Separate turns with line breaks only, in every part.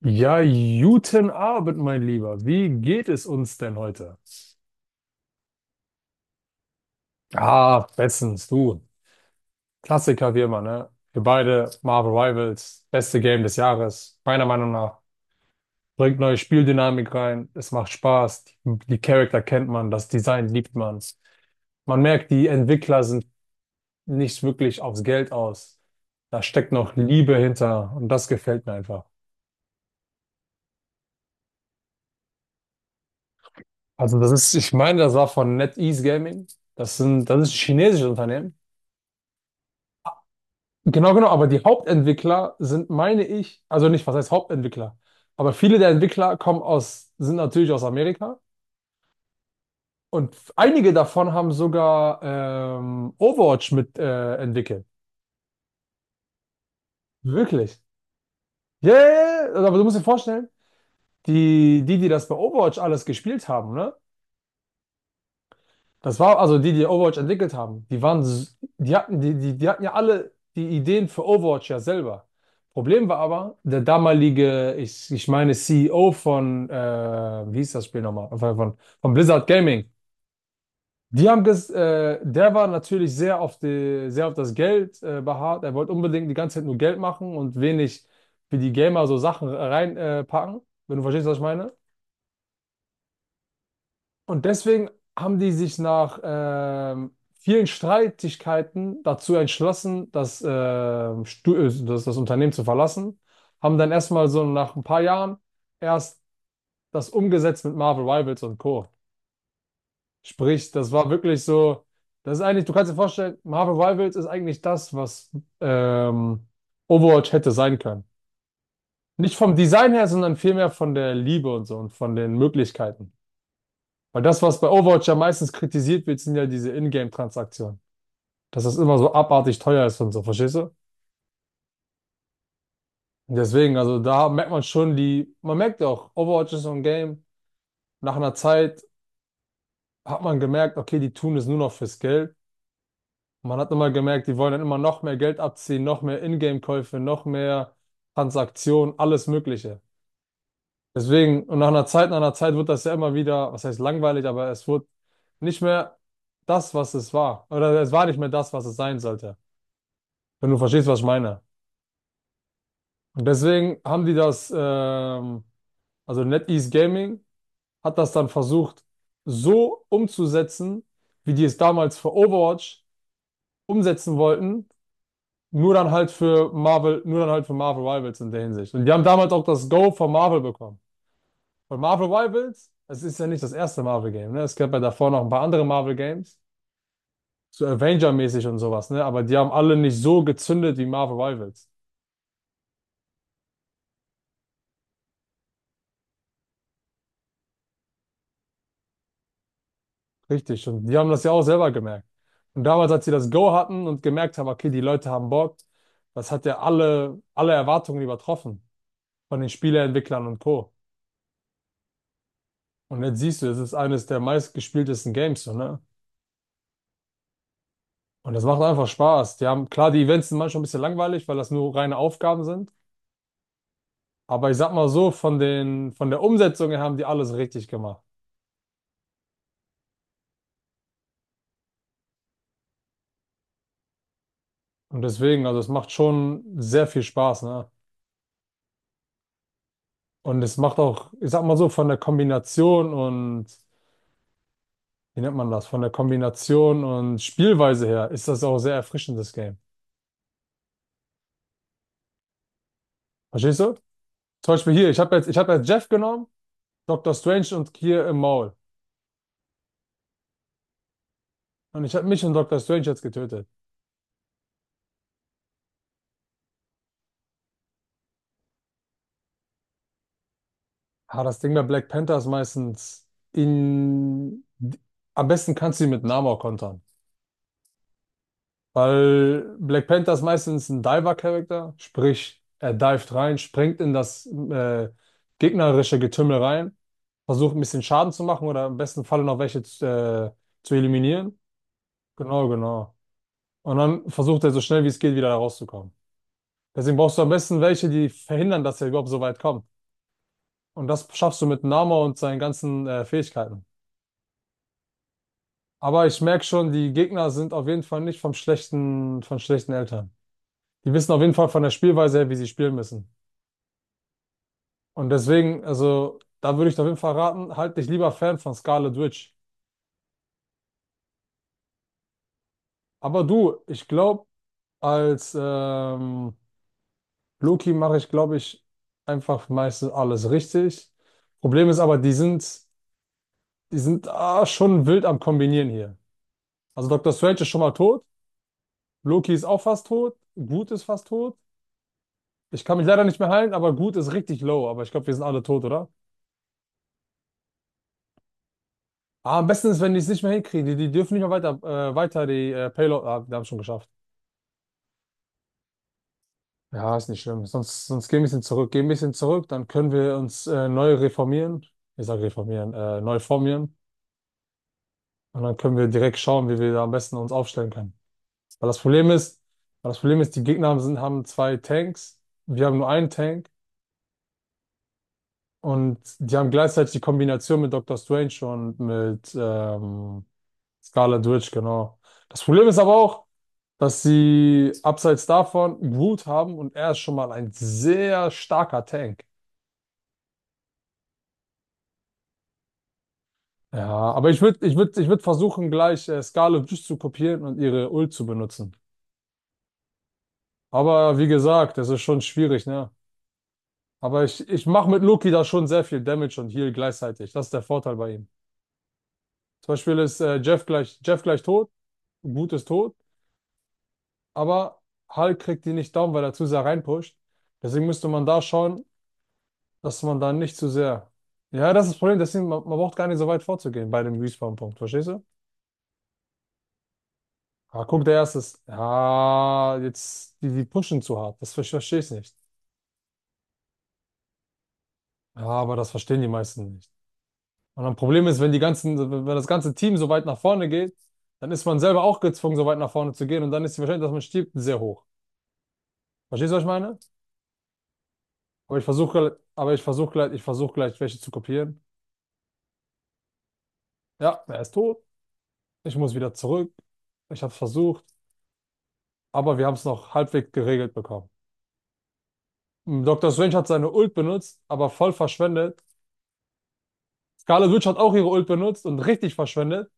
Ja, guten Abend, mein Lieber. Wie geht es uns denn heute? Ah, bestens, du. Klassiker wie immer, ne? Wir beide, Marvel Rivals, beste Game des Jahres, meiner Meinung nach. Bringt neue Spieldynamik rein, es macht Spaß, die Charakter kennt man, das Design liebt man. Man merkt, die Entwickler sind nicht wirklich aufs Geld aus. Da steckt noch Liebe hinter und das gefällt mir einfach. Also ich meine, das war von NetEase Gaming. Das ist ein chinesisches Unternehmen. Genau, genau, aber die Hauptentwickler sind, meine ich, also nicht, was heißt Hauptentwickler, aber viele der Entwickler kommen aus, sind natürlich aus Amerika und einige davon haben sogar Overwatch mit entwickelt. Wirklich. Ja, aber du musst dir vorstellen, die das bei Overwatch alles gespielt haben, ne? Das war also die, die Overwatch entwickelt haben. Die hatten, die hatten ja alle die Ideen für Overwatch ja selber. Problem war aber, der damalige, ich meine CEO von, wie hieß das Spiel nochmal? Von, von Blizzard Gaming. Der war natürlich sehr auf die, sehr auf das Geld, beharrt. Er wollte unbedingt die ganze Zeit nur Geld machen und wenig für die Gamer so Sachen packen, wenn du verstehst, was ich meine. Und deswegen haben die sich nach vielen Streitigkeiten dazu entschlossen, das Unternehmen zu verlassen. Haben dann erstmal so nach ein paar Jahren erst das umgesetzt mit Marvel Rivals und Co. Sprich, das war wirklich so, das ist eigentlich, du kannst dir vorstellen, Marvel Rivals ist eigentlich das, was ähm, Overwatch hätte sein können. Nicht vom Design her, sondern vielmehr von der Liebe und so und von den Möglichkeiten. Weil das, was bei Overwatch ja meistens kritisiert wird, sind ja diese Ingame-Transaktionen. Dass das immer so abartig teuer ist und so, verstehst du? Und deswegen, also da merkt man schon die, man merkt ja auch, Overwatch ist so ein Game. Nach einer Zeit hat man gemerkt, okay, die tun es nur noch fürs Geld. Man hat immer gemerkt, die wollen dann immer noch mehr Geld abziehen, noch mehr Ingame-Käufe, noch mehr Transaktionen, alles Mögliche. Deswegen, und nach einer Zeit wird das ja immer wieder, was heißt langweilig, aber es wird nicht mehr das, was es war. Oder es war nicht mehr das, was es sein sollte, wenn du verstehst, was ich meine. Und deswegen haben die das, also NetEase Gaming hat das dann versucht, so umzusetzen, wie die es damals für Overwatch umsetzen wollten, nur dann halt für Marvel, nur dann halt für Marvel Rivals in der Hinsicht. Und die haben damals auch das Go von Marvel bekommen. Von Marvel Rivals, es ist ja nicht das erste Marvel-Game, ne? Es gab ja davor noch ein paar andere Marvel-Games, so Avenger-mäßig und sowas, ne? Aber die haben alle nicht so gezündet wie Marvel Rivals. Richtig, und die haben das ja auch selber gemerkt. Und damals, als sie das Go hatten und gemerkt haben, okay, die Leute haben Bock, das hat ja alle Erwartungen übertroffen von den Spieleentwicklern und Co. Und jetzt siehst du, es ist eines der meistgespieltesten Games, so, ne? Und das macht einfach Spaß. Die haben, klar, die Events sind manchmal ein bisschen langweilig, weil das nur reine Aufgaben sind. Aber ich sag mal so, von der Umsetzung her haben die alles richtig gemacht. Und deswegen, also es macht schon sehr viel Spaß, ne? Und es macht auch, ich sag mal so, von der Kombination und wie nennt man das, von der Kombination und Spielweise her ist das auch sehr erfrischend, das Game. Verstehst du? Zum Beispiel hier, ich hab jetzt Jeff genommen, Dr. Strange und Kier im Maul. Und ich habe mich und Dr. Strange jetzt getötet. Ah, das Ding bei Black Panther ist meistens in... Am besten kannst du ihn mit Namor kontern. Weil Black Panther ist meistens ein Diver-Charakter, sprich, er dived rein, springt in das gegnerische Getümmel rein, versucht ein bisschen Schaden zu machen oder im besten Falle noch welche zu eliminieren. Genau, genau. Und dann versucht er so schnell wie es geht wieder da rauszukommen. Deswegen brauchst du am besten welche, die verhindern, dass er überhaupt so weit kommt. Und das schaffst du mit Nama und seinen ganzen Fähigkeiten. Aber ich merke schon, die Gegner sind auf jeden Fall nicht von schlechten Eltern. Die wissen auf jeden Fall von der Spielweise her, wie sie spielen müssen. Und deswegen, also, da würde ich dir auf jeden Fall raten, halt dich lieber Fan von Scarlet Witch. Aber du, ich glaube, als Loki mache ich, glaube ich, einfach meistens alles richtig. Problem ist aber, die sind schon wild am Kombinieren hier. Also Dr. Strange ist schon mal tot, Loki ist auch fast tot, Groot ist fast tot. Ich kann mich leider nicht mehr heilen, aber Groot ist richtig low. Aber ich glaube, wir sind alle tot, oder? Ah, am besten ist, wenn die es nicht mehr hinkriegen. Die, die dürfen nicht mehr weiter die Payload. Ah, wir haben es schon geschafft. Ja, ist nicht schlimm. Sonst gehen wir ein bisschen zurück. Gehen ein bisschen zurück, dann können wir uns neu reformieren. Ich sage neu formieren. Und dann können wir direkt schauen, wie wir da am besten uns aufstellen können. Weil das Problem ist, weil das Problem ist, sind, haben zwei Tanks, wir haben nur einen Tank und die haben gleichzeitig die Kombination mit Dr. Strange und mit Scarlet Witch, genau. Das Problem ist aber auch, dass sie abseits davon Groot haben und er ist schon mal ein sehr starker Tank. Ja, aber ich würd versuchen, gleich Scarlet Witch zu kopieren und ihre Ult zu benutzen. Aber wie gesagt, das ist schon schwierig, ne? Aber ich mache mit Loki da schon sehr viel Damage und Heal gleichzeitig. Das ist der Vorteil bei ihm. Zum Beispiel ist Jeff gleich tot, Groot ist tot, aber Hulk kriegt die nicht down, weil er zu sehr reinpusht. Deswegen müsste man da schauen, dass man da nicht zu sehr. Ja, das ist das Problem, deswegen, man braucht gar nicht so weit vorzugehen bei dem Respawn-Punkt, verstehst du? Ah, guck, der erste ist. Ja, jetzt, die pushen zu hart. Das verstehe ich nicht. Ja, aber das verstehen die meisten nicht. Und ein Problem ist, wenn das ganze Team so weit nach vorne geht, dann ist man selber auch gezwungen, so weit nach vorne zu gehen und dann ist die Wahrscheinlichkeit, dass man stirbt, sehr hoch. Verstehst du, was ich meine? Aber ich versuche gleich, welche zu kopieren. Ja, er ist tot. Ich muss wieder zurück. Ich habe es versucht, aber wir haben es noch halbwegs geregelt bekommen. Mm, Dr. Strange hat seine Ult benutzt, aber voll verschwendet. Scarlet Witch hat auch ihre Ult benutzt und richtig verschwendet.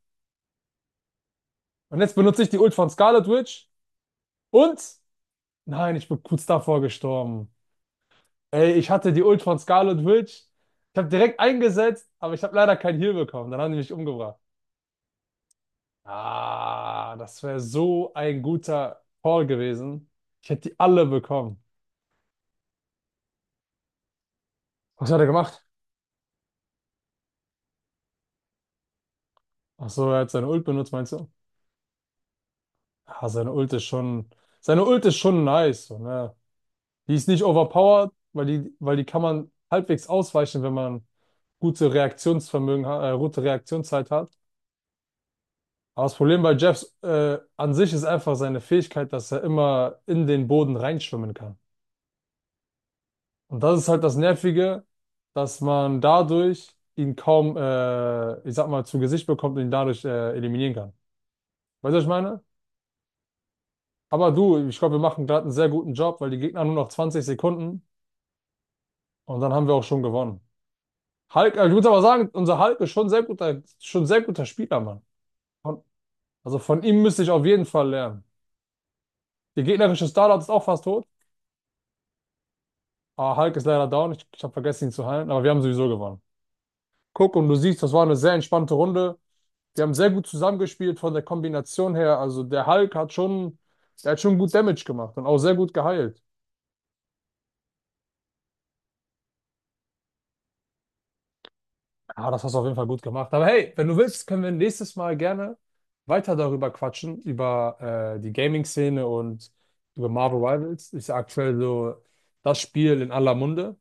Und jetzt benutze ich die Ult von Scarlet Witch und nein, ich bin kurz davor gestorben. Ey, ich hatte die Ult von Scarlet Witch. Ich habe direkt eingesetzt, aber ich habe leider keinen Heal bekommen. Dann haben die mich umgebracht. Ah, das wäre so ein guter Call gewesen. Ich hätte die alle bekommen. Was hat er gemacht? Ach so, er hat seine Ult benutzt, meinst du? Ah, seine Ult ist schon nice. So, ne? Die ist nicht overpowered, weil weil die kann man halbwegs ausweichen, wenn man gute Reaktionszeit hat. Aber das Problem bei Jeffs an sich ist einfach seine Fähigkeit, dass er immer in den Boden reinschwimmen kann. Und das ist halt das Nervige, dass man dadurch ihn ich sag mal, zu Gesicht bekommt und ihn dadurch eliminieren kann. Weißt du, was ich meine? Aber du, ich glaube, wir machen gerade einen sehr guten Job, weil die Gegner haben nur noch 20 Sekunden und dann haben wir auch schon gewonnen. Ich muss aber sagen, unser Hulk ist schon schon sehr guter Spieler, Mann. Von, also von ihm müsste ich auf jeden Fall lernen. Der gegnerische Startup ist auch fast tot. Ah, Hulk ist leider down. Ich habe vergessen, ihn zu heilen, aber wir haben sowieso gewonnen. Guck, und du siehst, das war eine sehr entspannte Runde. Wir haben sehr gut zusammengespielt von der Kombination her. Also der hat schon gut Damage gemacht und auch sehr gut geheilt. Ah, das hast du auf jeden Fall gut gemacht. Aber hey, wenn du willst, können wir nächstes Mal gerne weiter darüber quatschen, über die Gaming-Szene und über Marvel Rivals. Ist ja aktuell so das Spiel in aller Munde.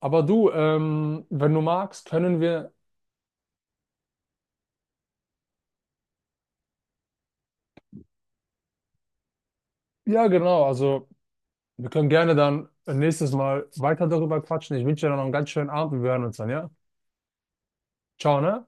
Aber du, wenn du magst, ja genau, also. Wir können gerne dann nächstes Mal weiter darüber quatschen. Ich wünsche dir noch einen ganz schönen Abend. Wir hören uns dann, ja? Ciao, ne?